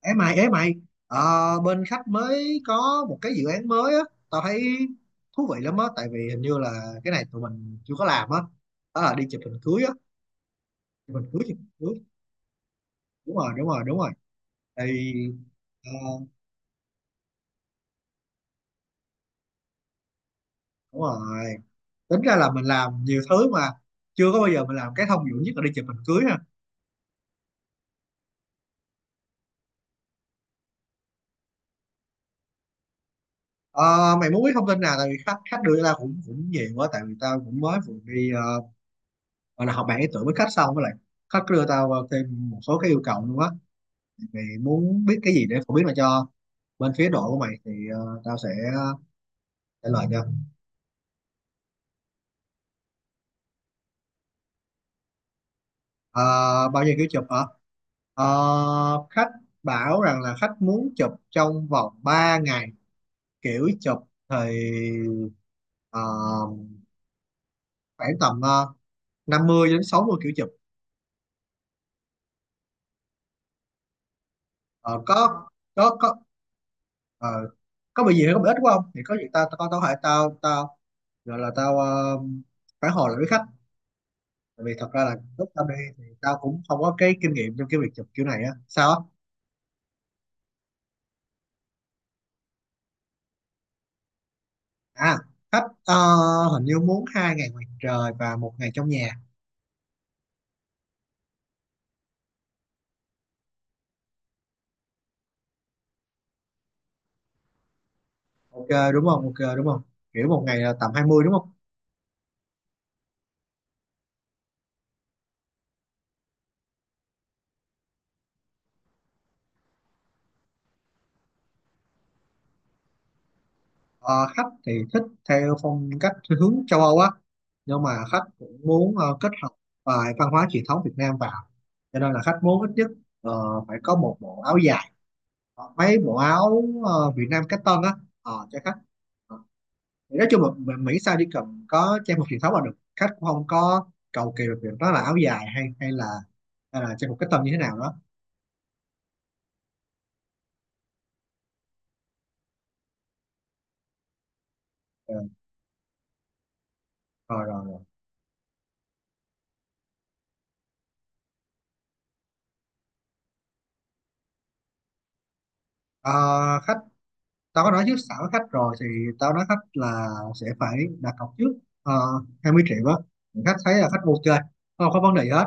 Ê mày, ờ, bên khách mới có một cái dự án mới á, tao thấy thú vị lắm á, tại vì hình như là cái này tụi mình chưa có làm á, đó là đi chụp hình cưới á, chụp hình cưới, đúng rồi, đúng rồi, đúng rồi, thì ờ, đúng rồi, tính ra là mình làm nhiều thứ mà chưa có bao giờ mình làm cái thông dụng nhất là đi chụp hình cưới ha. Ờ, Mày muốn biết thông tin nào, tại vì khách khách đưa ra cũng cũng nhiều quá, tại vì tao cũng mới vừa đi gọi là học bạn ý tưởng với khách xong với lại khách đưa tao thêm một số cái yêu cầu luôn á, mày muốn biết cái gì để phổ biến lại cho bên phía đội của mày thì tao sẽ ờ, trả lời cho. Ờ, Bao nhiêu kiểu chụp hả? Khách bảo rằng là khách muốn chụp trong vòng 3 ngày, kiểu chụp thì ờ, khoảng tầm 50 đến 60 kiểu chụp. Ờ, có có có ờ, có bị gì hay có bị ít quá không thì có gì tao tao tao có thể tao tao gọi là phản hồi lại với khách. Tại vì thật ra là lúc tao đi thì tao cũng không có cái kinh nghiệm trong cái việc chụp kiểu này á. Sao á? À, khách hình như muốn 2 ngày ngoài trời và một ngày trong nhà. Ok đúng không? Ok đúng không? Kiểu một ngày là tầm 20 đúng không? Ờ, Khách thì thích theo phong cách hướng châu Âu á. Nhưng mà khách cũng muốn kết hợp vài văn hóa truyền thống Việt Nam vào. Cho nên là khách muốn ít nhất ờ, phải có một bộ áo dài. Hoặc mấy bộ áo Việt Nam cách tân á. Cho khách. Ờ, Thì nói chung là Mỹ sao chỉ cần có trang phục truyền thống là được, khách cũng không có cầu kỳ về việc đó là áo dài hay hay là trang phục cách tân như thế nào đó. Ừ, rồi rồi rồi. Ờ, Khách, tao có nói trước sẵn với khách rồi thì tao nói khách là sẽ phải đặt cọc trước 20 triệu á. Thì khách thấy là khách ok, không có vấn đề gì hết,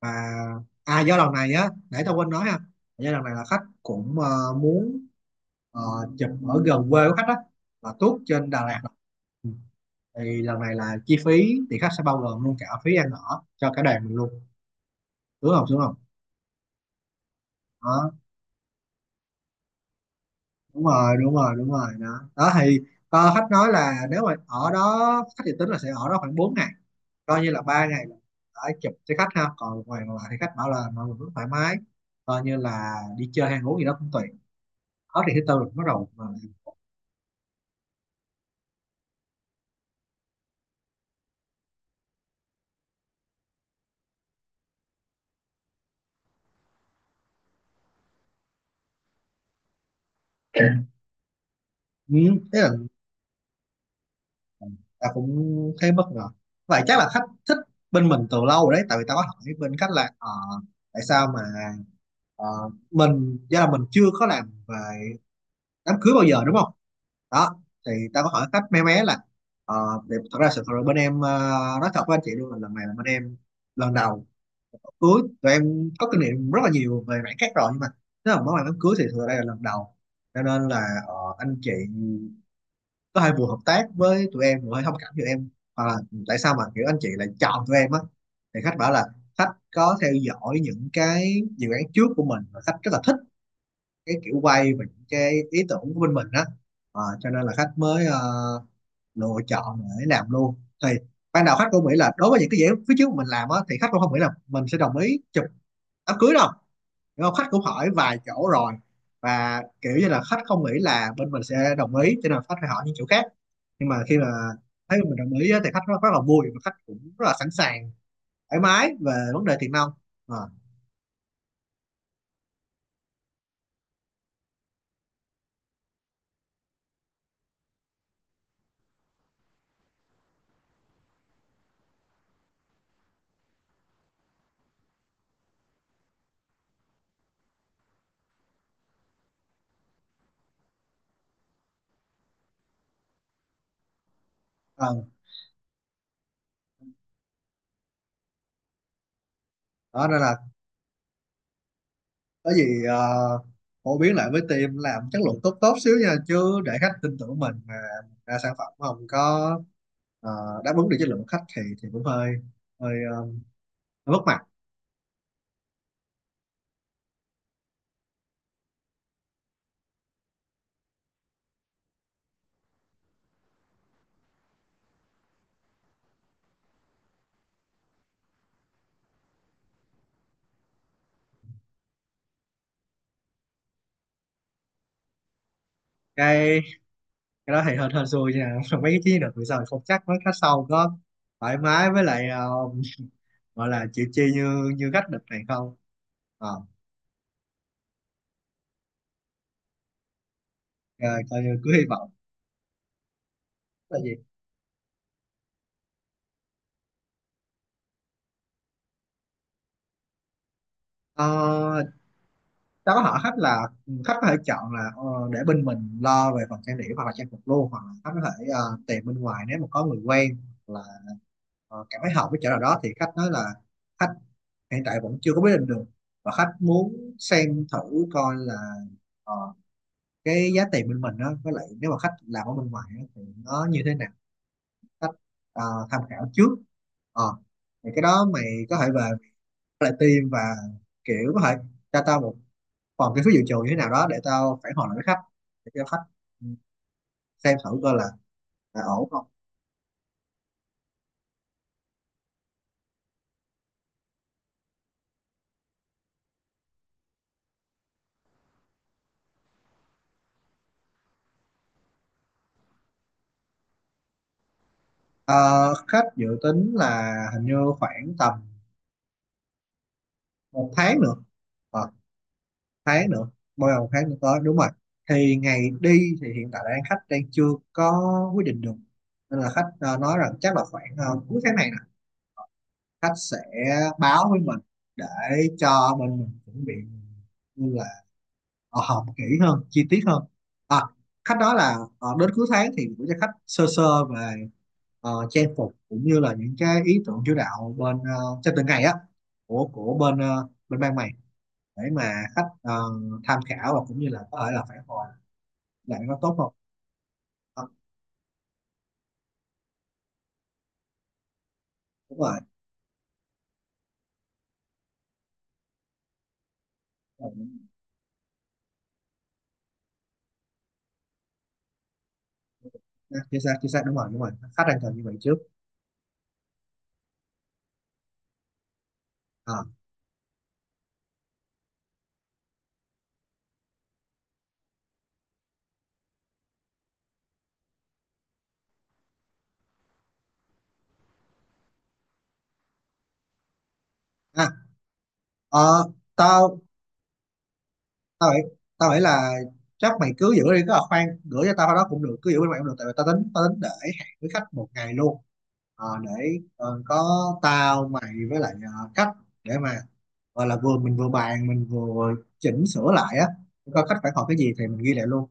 và à, do lần này á để tao quên nói ha, do lần này là khách cũng muốn ờ, chụp ở gần quê của khách á, là tuốt trên Đà Lạt. Thì lần này là chi phí thì khách sẽ bao gồm luôn cả phí ăn ở cho cả đoàn mình luôn, đúng không đúng không? Đó, đúng rồi đúng rồi đúng rồi đó. Đó thì khách nói là nếu mà ở đó khách dự tính là sẽ ở đó khoảng 4 ngày, coi như là 3 ngày là đã chụp cho khách ha, còn một ngày còn lại thì khách bảo là mọi người cứ thoải mái, coi như là đi chơi ăn uống gì đó cũng tùy. Đó thì thứ tư là bắt đầu mà. Ừ, thế là tao cũng thấy bất ngờ. Vậy chắc là khách thích bên mình từ lâu rồi đấy, tại vì tao có hỏi bên khách là tại sao mà ờ, mình, do là mình chưa có làm về đám cưới bao giờ đúng không. Đó thì tao có hỏi khách mé mé là ờ, để, thật ra sự thật là bên em nói thật với anh chị luôn là lần này là bên em lần đầu cưới, tụi em có kinh nghiệm rất là nhiều về mảng khác rồi nhưng mà nếu mà nói về đám cưới thì thực ra đây là lần đầu, cho nên là anh chị có hơi vừa hợp tác với tụi em vừa hơi thông cảm cho em. Hoặc là tại sao mà kiểu anh chị lại chọn tụi em á, thì khách bảo là khách có theo dõi những cái dự án trước của mình và khách rất là thích cái kiểu quay và những cái ý tưởng của bên mình á. Cho nên là khách mới lựa chọn để làm luôn. Thì ban đầu khách cũng nghĩ là đối với những cái dự án phía trước mình làm á thì khách cũng không nghĩ là mình sẽ đồng ý chụp đám cưới đâu. Đúng không? Khách cũng hỏi vài chỗ rồi, và kiểu như là khách không nghĩ là bên mình sẽ đồng ý cho nên là khách phải hỏi những chỗ khác. Nhưng mà khi mà thấy mình đồng ý á, thì khách rất, rất là vui và khách cũng rất là sẵn sàng thoải mái về vấn đề tiền nong. À, à, đó nên là có gì phổ biến lại với team làm chất lượng tốt tốt xíu nha, chứ để khách tin tưởng mình mà ra sản phẩm không có đáp ứng được chất lượng của khách thì cũng hơi hơi ờ, hơi mất mặt. Cái cái đó thì hơn hơn xui nha mấy cái chiến lược bây giờ không chắc mấy khách sau có thoải mái với lại gọi là chịu chi như như khách địch này không. ờ À, coi như cứ hy vọng. Là gì? ờ, Tao có hỏi khách là ừ, khách có thể chọn là để bên mình lo về phần trang điểm hoặc là trang phục luôn, hoặc là khách có thể tìm bên ngoài nếu mà có người quen hoặc là cảm thấy hợp với chỗ nào đó. Thì khách nói là khách hiện tại vẫn chưa có quyết định được và khách muốn xem thử coi là ờ, cái giá tiền bên mình đó, với lại nếu mà khách làm ở bên ngoài á, thì nó như thế nào. Khách ờ, tham khảo trước. ờ thì cái đó mày có thể về lại team và kiểu có thể cho tao một phần cái phiếu dự trù như thế nào đó để tao phản hồi lại với khách, để cho khách ừ, xem thử coi là ổn không. Ờ, Khách dự tính là hình như khoảng tầm một tháng nữa. Ờ, Thái nữa, bao đầu Thái nữa tới đúng rồi. Thì ngày đi thì hiện tại đang khách đang chưa có quyết định được, nên là khách nói rằng chắc là khoảng cuối tháng này nè khách sẽ báo với mình để cho bên mình chuẩn bị, như là họp kỹ hơn chi tiết hơn. À, khách nói là đến cuối tháng thì gửi cho khách sơ sơ về trang phục cũng như là những cái ý tưởng chủ đạo bên cho từng ngày á, của bên bên ban mày, để mà khách tham khảo và cũng như là có thể là phản hồi lại nó tốt không. Ờ, Đúng rồi. Ừ, à, chính xác đúng rồi đúng rồi, khách đang cần như vậy trước. Ờ. À, ờ, tao tao nghĩ tao nghĩ là chắc mày cứ giữ đi, cứ là khoan gửi cho tao cái đó cũng được, cứ giữ bên mày cũng được, tại vì tao tính để hẹn với khách một ngày luôn. Để có tao mày với lại khách, để mà gọi là vừa mình vừa bàn mình vừa chỉnh sửa lại á, coi khách phản hồi cái gì thì mình ghi lại luôn.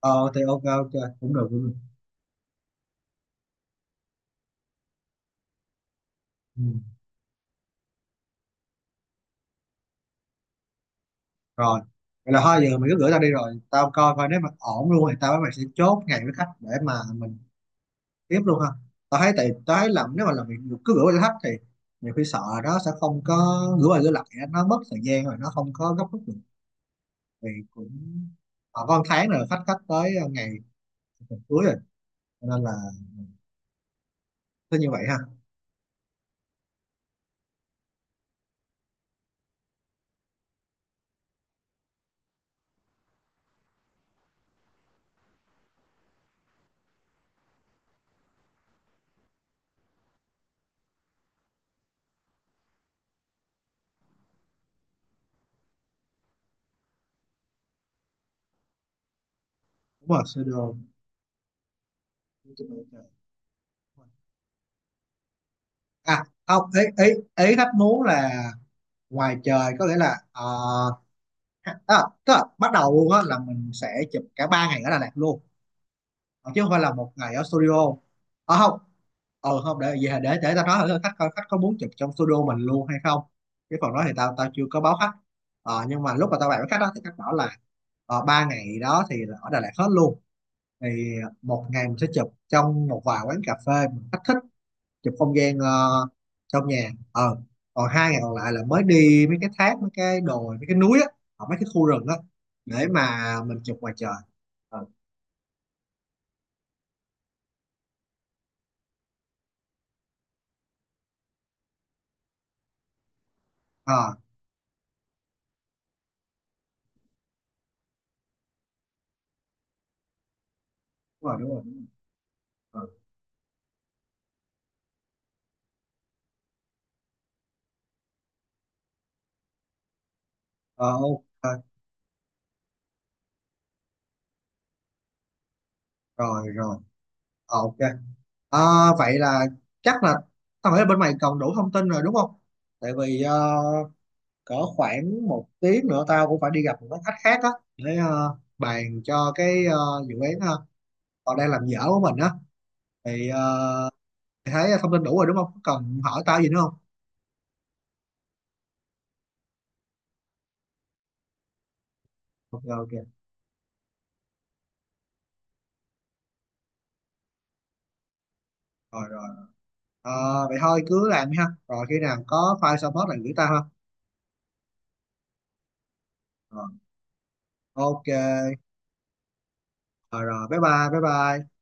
Ờ thì ok ok cũng được cũng được. Ừ. Rồi, vậy là thôi giờ mày cứ gửi tao đi rồi tao coi coi, nếu mà ổn luôn thì tao với mày sẽ chốt ngày với khách để mà mình tiếp luôn ha. Tao thấy, tại tao thấy làm nếu mà làm việc cứ gửi cho khách thì nhiều khi sợ nó sẽ không có, gửi qua gửi lại á, nó mất thời gian rồi nó không có gấp rút được, thì cũng họ có một tháng rồi, khách khách tới ngày tuần cuối rồi, cho nên là cứ như vậy ha. Đúng rồi, sơ đồ, à không, ý ý ý khách muốn là ngoài trời, có nghĩa là à, tức là bắt đầu luôn á là mình sẽ chụp cả 3 ngày ở Đà Lạt luôn. Ờ, Chứ không phải là một ngày ở studio. Ờ không, ờ không, để gì, để tao nói thử khách coi khách có muốn chụp trong studio mình luôn hay không. Cái phần đó thì tao tao chưa có báo khách. Nhưng mà lúc mà tao bàn với khách đó thì khách bảo là 3 ngày đó thì là ở Đà Lạt hết luôn. Thì một ngày mình sẽ chụp trong một vài quán cà phê mình khách thích, chụp không gian trong nhà. Ờ Còn 2 ngày còn lại là mới đi mấy cái thác mấy cái đồi mấy cái núi á, hoặc mấy cái khu rừng á, để mà mình chụp ngoài trời. ờ À, đúng rồi đúng rồi, đúng rồi. Ờ, ok rồi rồi. Ok. Ờ, Vậy là chắc là tao nghĩ là bên mày còn đủ thông tin rồi đúng không? Tại vì cỡ khoảng một tiếng nữa tao cũng phải đi gặp một cái khách khác á, để bàn cho cái dự án họ đang làm dở của mình á. Thì mày thấy thông tin đủ rồi đúng không? Có cần hỏi tao gì nữa không? Ok ok. Rồi rồi. Ờ, Vậy thôi cứ làm đi ha. Rồi khi nào có file xong hết là gửi tao ha. Rồi. Ok. Rồi rồi. Bye bye. Bye bye.